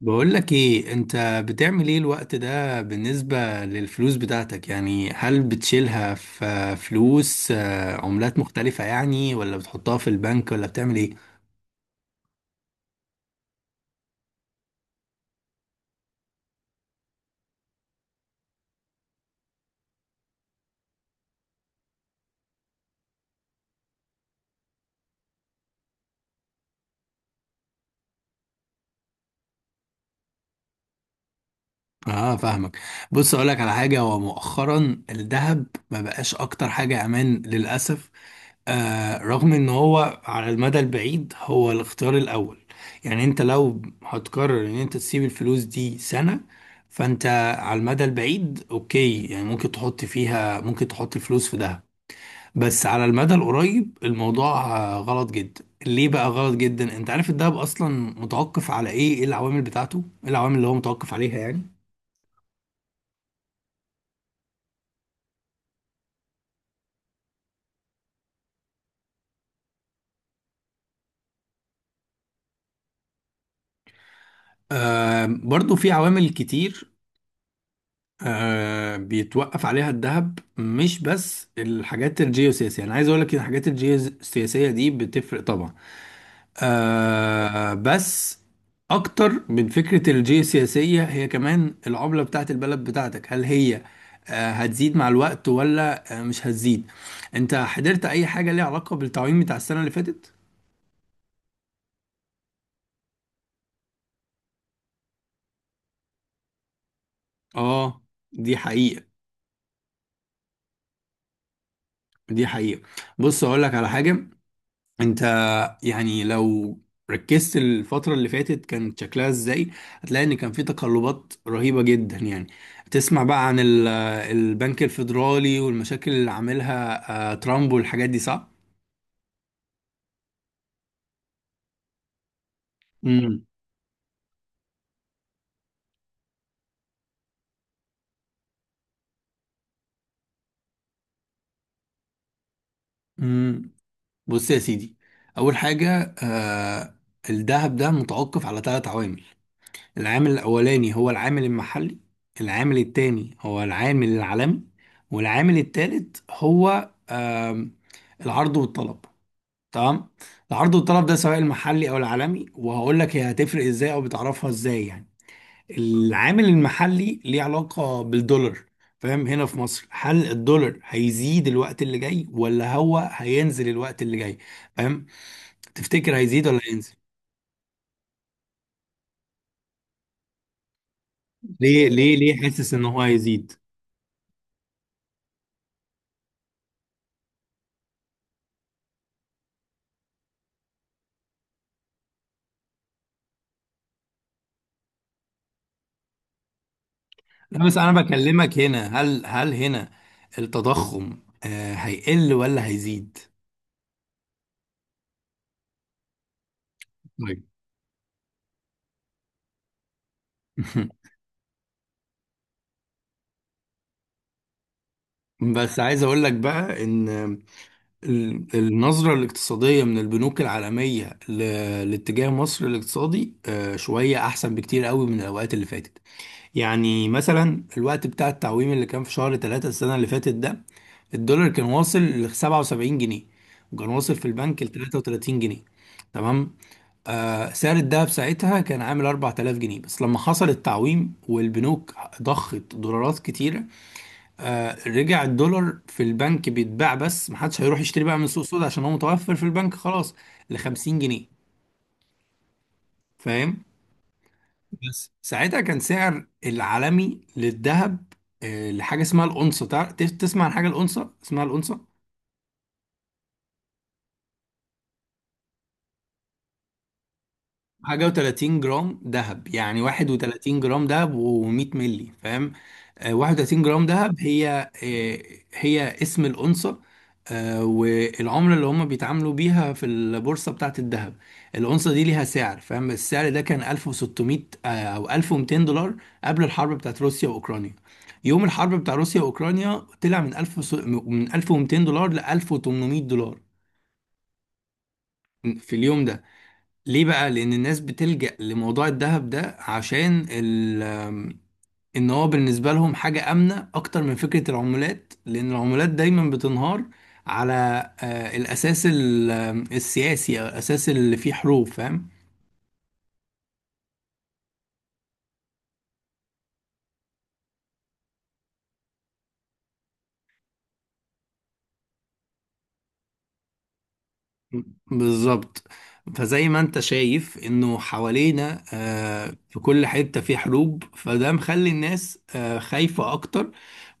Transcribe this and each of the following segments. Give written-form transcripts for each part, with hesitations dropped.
بقول لك ايه؟ انت بتعمل ايه الوقت ده بالنسبة للفلوس بتاعتك؟ يعني هل بتشيلها في فلوس، عملات مختلفة يعني، ولا بتحطها في البنك، ولا بتعمل ايه؟ اه، فاهمك. بص اقول لك على حاجه. هو مؤخرا الذهب ما بقاش اكتر حاجه امان للاسف. رغم ان هو على المدى البعيد هو الاختيار الاول. يعني انت لو هتقرر ان انت تسيب الفلوس دي سنة، فانت على المدى البعيد اوكي، يعني ممكن تحط فيها، ممكن تحط الفلوس في دهب. بس على المدى القريب الموضوع غلط جدا. ليه بقى غلط جدا؟ انت عارف الدهب اصلا متوقف على ايه؟ ايه العوامل بتاعته؟ ايه العوامل اللي هو متوقف عليها يعني؟ برضو في عوامل كتير بيتوقف عليها الذهب، مش بس الحاجات الجيوسياسية. أنا عايز أقول لك إن الحاجات الجيوسياسية دي بتفرق طبعا. بس أكتر من فكرة الجيوسياسية، هي كمان العملة بتاعت البلد بتاعتك. هل هي هتزيد مع الوقت، ولا مش هتزيد؟ أنت حضرت أي حاجة ليها علاقة بالتعويم بتاع السنة اللي فاتت؟ آه دي حقيقة. دي حقيقة. بص أقول لك على حاجة. انت يعني لو ركزت الفترة اللي فاتت كان شكلها ازاي، هتلاقي ان كان في تقلبات رهيبة جدا يعني. تسمع بقى عن البنك الفيدرالي والمشاكل اللي عاملها ترامب والحاجات دي، صح؟ امم امم بص يا سيدي. اول حاجة، الذهب ده متوقف على 3 عوامل. العامل الاولاني هو العامل المحلي. العامل التاني هو العامل العالمي. والعامل التالت هو آم، العرض والطلب. تمام. العرض والطلب ده سواء المحلي او العالمي، وهقول لك هي هتفرق ازاي او بتعرفها ازاي يعني. العامل المحلي ليه علاقة بالدولار، فاهم؟ هنا في مصر هل الدولار هيزيد الوقت اللي جاي، ولا هو هينزل الوقت اللي جاي؟ فاهم؟ تفتكر هيزيد ولا هينزل؟ ليه ليه ليه حاسس ان هو هيزيد؟ لا بس انا بكلمك هنا. هل هنا التضخم هيقل ولا هيزيد؟ طيب. بس عايز اقول لك بقى ان النظرة الاقتصادية من البنوك العالمية لاتجاه مصر الاقتصادي شوية أحسن بكتير قوي من الأوقات اللي فاتت. يعني مثلا الوقت بتاع التعويم اللي كان في شهر 3 السنة اللي فاتت ده، الدولار كان واصل ل 77 جنيه، وكان واصل في البنك ل 33 جنيه. تمام. سعر الذهب ساعتها كان عامل 4000 جنيه. بس لما حصل التعويم والبنوك ضخت دولارات كتيرة، رجع الدولار في البنك بيتباع، بس محدش هيروح يشتري بقى من السوق السوداء عشان هو متوفر في البنك خلاص، ل 50 جنيه. فاهم؟ بس ساعتها كان سعر العالمي للذهب لحاجه اسمها الأونصة. تسمع عن حاجه الأونصة، اسمها الأونصة. حاجة و30 جرام دهب، يعني 31 جرام دهب و100 مللي. فاهم؟ 31 جرام دهب هي، هي اسم الأونصة. والعملة اللي هم بيتعاملوا بيها في البورصة بتاعة الذهب، الأونصة دي ليها سعر، فاهم؟ السعر ده كان 1600 أو 1200 دولار قبل الحرب بتاعة روسيا وأوكرانيا. يوم الحرب بتاع روسيا وأوكرانيا، طلع من 1000 من 1200 دولار ل 1800 دولار في اليوم ده. ليه بقى؟ لأن الناس بتلجأ لموضوع الذهب ده، عشان إن هو بالنسبة لهم حاجة آمنة أكتر من فكرة العملات، لأن العملات دايما بتنهار على الأساس السياسي، أو الأساس اللي فيه حروب. فاهم؟ بالظبط. فزي ما انت شايف انه حوالينا في كل حتة في حروب، فده مخلي الناس خايفة اكتر.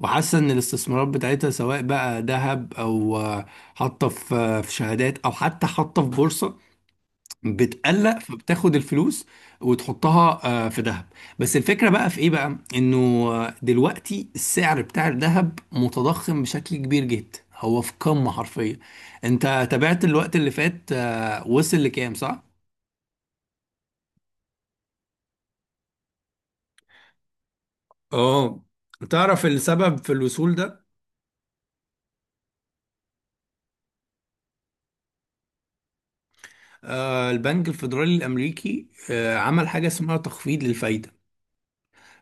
وحاسة ان الاستثمارات بتاعتها سواء بقى ذهب، او حاطة في في شهادات، او حتى حاطة في بورصة، بتقلق، فبتاخد الفلوس وتحطها في ذهب. بس الفكرة بقى في ايه بقى؟ انه دلوقتي السعر بتاع الذهب متضخم بشكل كبير جدا، هو في قمة حرفيا. انت تابعت الوقت اللي فات وصل لكام، صح؟ اه. تعرف السبب في الوصول ده؟ البنك الفيدرالي الامريكي عمل حاجه اسمها تخفيض للفايده.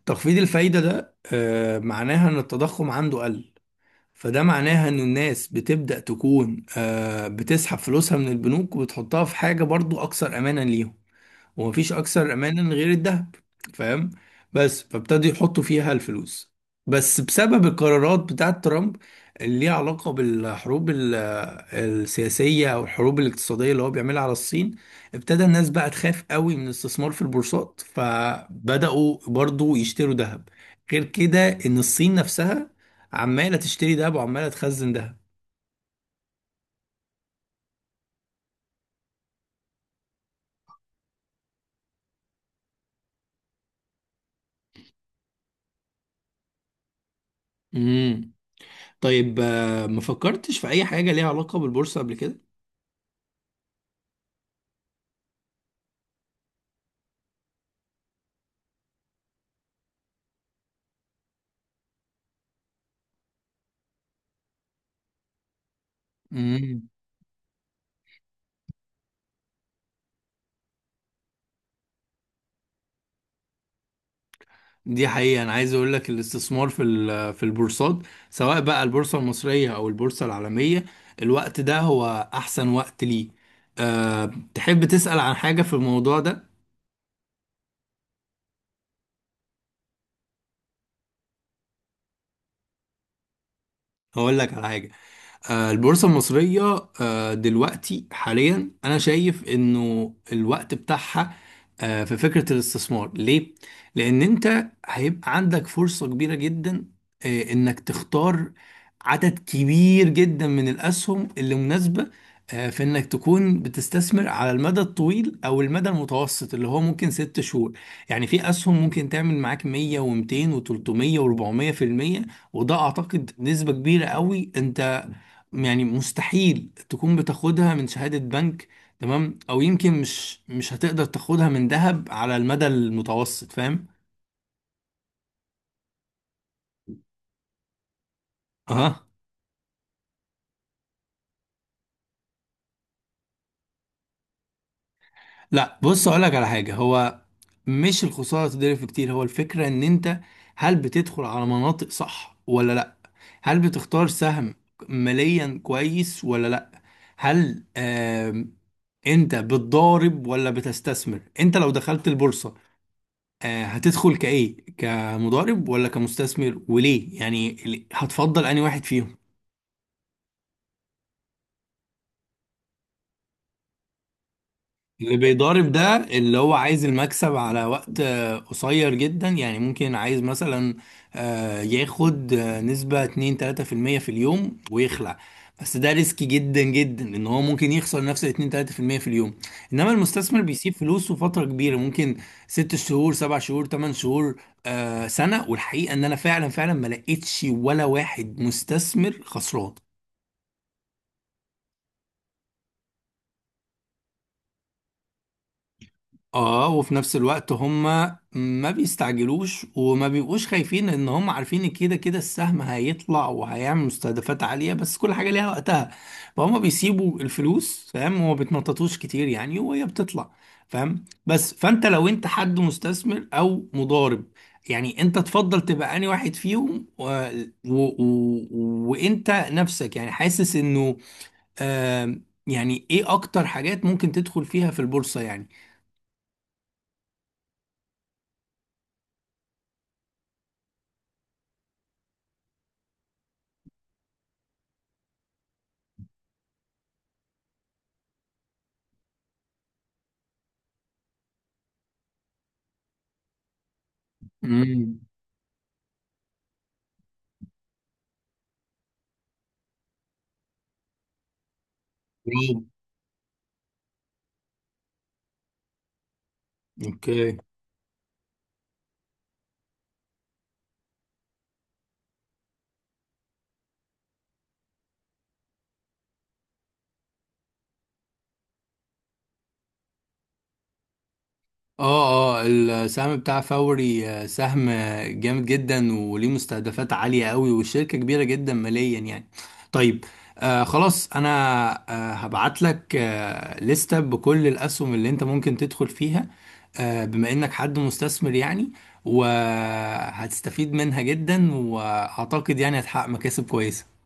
تخفيض الفايده ده معناها ان التضخم عنده قل. فده معناها ان الناس بتبدأ تكون بتسحب فلوسها من البنوك وبتحطها في حاجة برضو اكثر امانا ليهم. ومفيش اكثر امانا غير الذهب. فاهم؟ بس فابتدوا يحطوا فيها الفلوس. بس بسبب القرارات بتاعت ترامب، اللي ليها علاقة بالحروب السياسية، أو الحروب الاقتصادية اللي هو بيعملها على الصين، ابتدى الناس بقى تخاف قوي من الاستثمار في البورصات، فبدأوا برضو يشتروا ذهب. غير كده، إن الصين نفسها عمالة تشتري ذهب وعمالة تخزن ذهب. امم طيب، ما فكرتش في أي حاجة ليها علاقة بالبورصة قبل كده؟ مم. دي حقيقة. أنا عايز أقول لك الاستثمار في في البورصات، سواء بقى البورصة المصرية أو البورصة العالمية، الوقت ده هو أحسن وقت ليه. أه، تحب تسأل عن حاجة في الموضوع ده؟ هقول لك على حاجة. البورصة المصرية دلوقتي حاليا أنا شايف إنه الوقت بتاعها في فكرة الاستثمار ليه؟ لأن أنت هيبقى عندك فرصة كبيرة جدا، إنك تختار عدد كبير جدا من الأسهم اللي مناسبة، في إنك تكون بتستثمر على المدى الطويل أو المدى المتوسط، اللي هو ممكن 6 شهور. يعني في أسهم ممكن تعمل معاك 100 و200 و300 و400%. وده أعتقد نسبة كبيرة قوي. أنت يعني مستحيل تكون بتاخدها من شهادة بنك. تمام؟ او يمكن مش هتقدر تاخدها من ذهب على المدى المتوسط. فاهم؟ اه، لا. بص اقول لك على حاجة. هو مش الخسارة تضرب في كتير، هو الفكرة ان انت، هل بتدخل على مناطق صح ولا لا؟ هل بتختار سهم ماليا كويس ولا لا؟ هل انت بتضارب ولا بتستثمر؟ انت لو دخلت البورصة هتدخل كايه، كمضارب ولا كمستثمر؟ وليه يعني، هتفضل انهي واحد فيهم؟ اللي بيضارب ده اللي هو عايز المكسب على وقت قصير جدا. يعني ممكن عايز مثلا ياخد نسبة 2 3% في المية في اليوم ويخلع. بس ده ريسكي جدا جدا، ان هو ممكن يخسر نفس ال 2 3% في اليوم. انما المستثمر بيسيب فلوسه فترة كبيرة، ممكن 6 شهور، 7 شهور، 8 شهور، سنة. والحقيقة ان انا فعلا فعلا ما لقيتش ولا واحد مستثمر خسران. اه. وفي نفس الوقت هم ما بيستعجلوش وما بيبقوش خايفين، ان هم عارفين إن كده كده السهم هيطلع وهيعمل مستهدفات عالية، بس كل حاجة ليها وقتها. فهم بيسيبوا الفلوس، فاهم؟ وما بيتنططوش كتير يعني، وهي بتطلع. فاهم؟ بس فانت لو انت حد مستثمر او مضارب يعني، انت تفضل تبقى انهي واحد فيهم وانت نفسك يعني حاسس انه آه يعني ايه اكتر حاجات ممكن تدخل فيها في البورصة يعني؟ مم. روم. اوكي. اه، اه، السهم بتاع فوري سهم جامد جدا، وليه مستهدفات عالية قوي، والشركة كبيرة جدا ماليا يعني. طيب. خلاص، انا هبعت لك لستة بكل الاسهم اللي انت ممكن تدخل فيها، بما انك حد مستثمر يعني. وهتستفيد منها جدا، واعتقد يعني هتحقق مكاسب كويسة.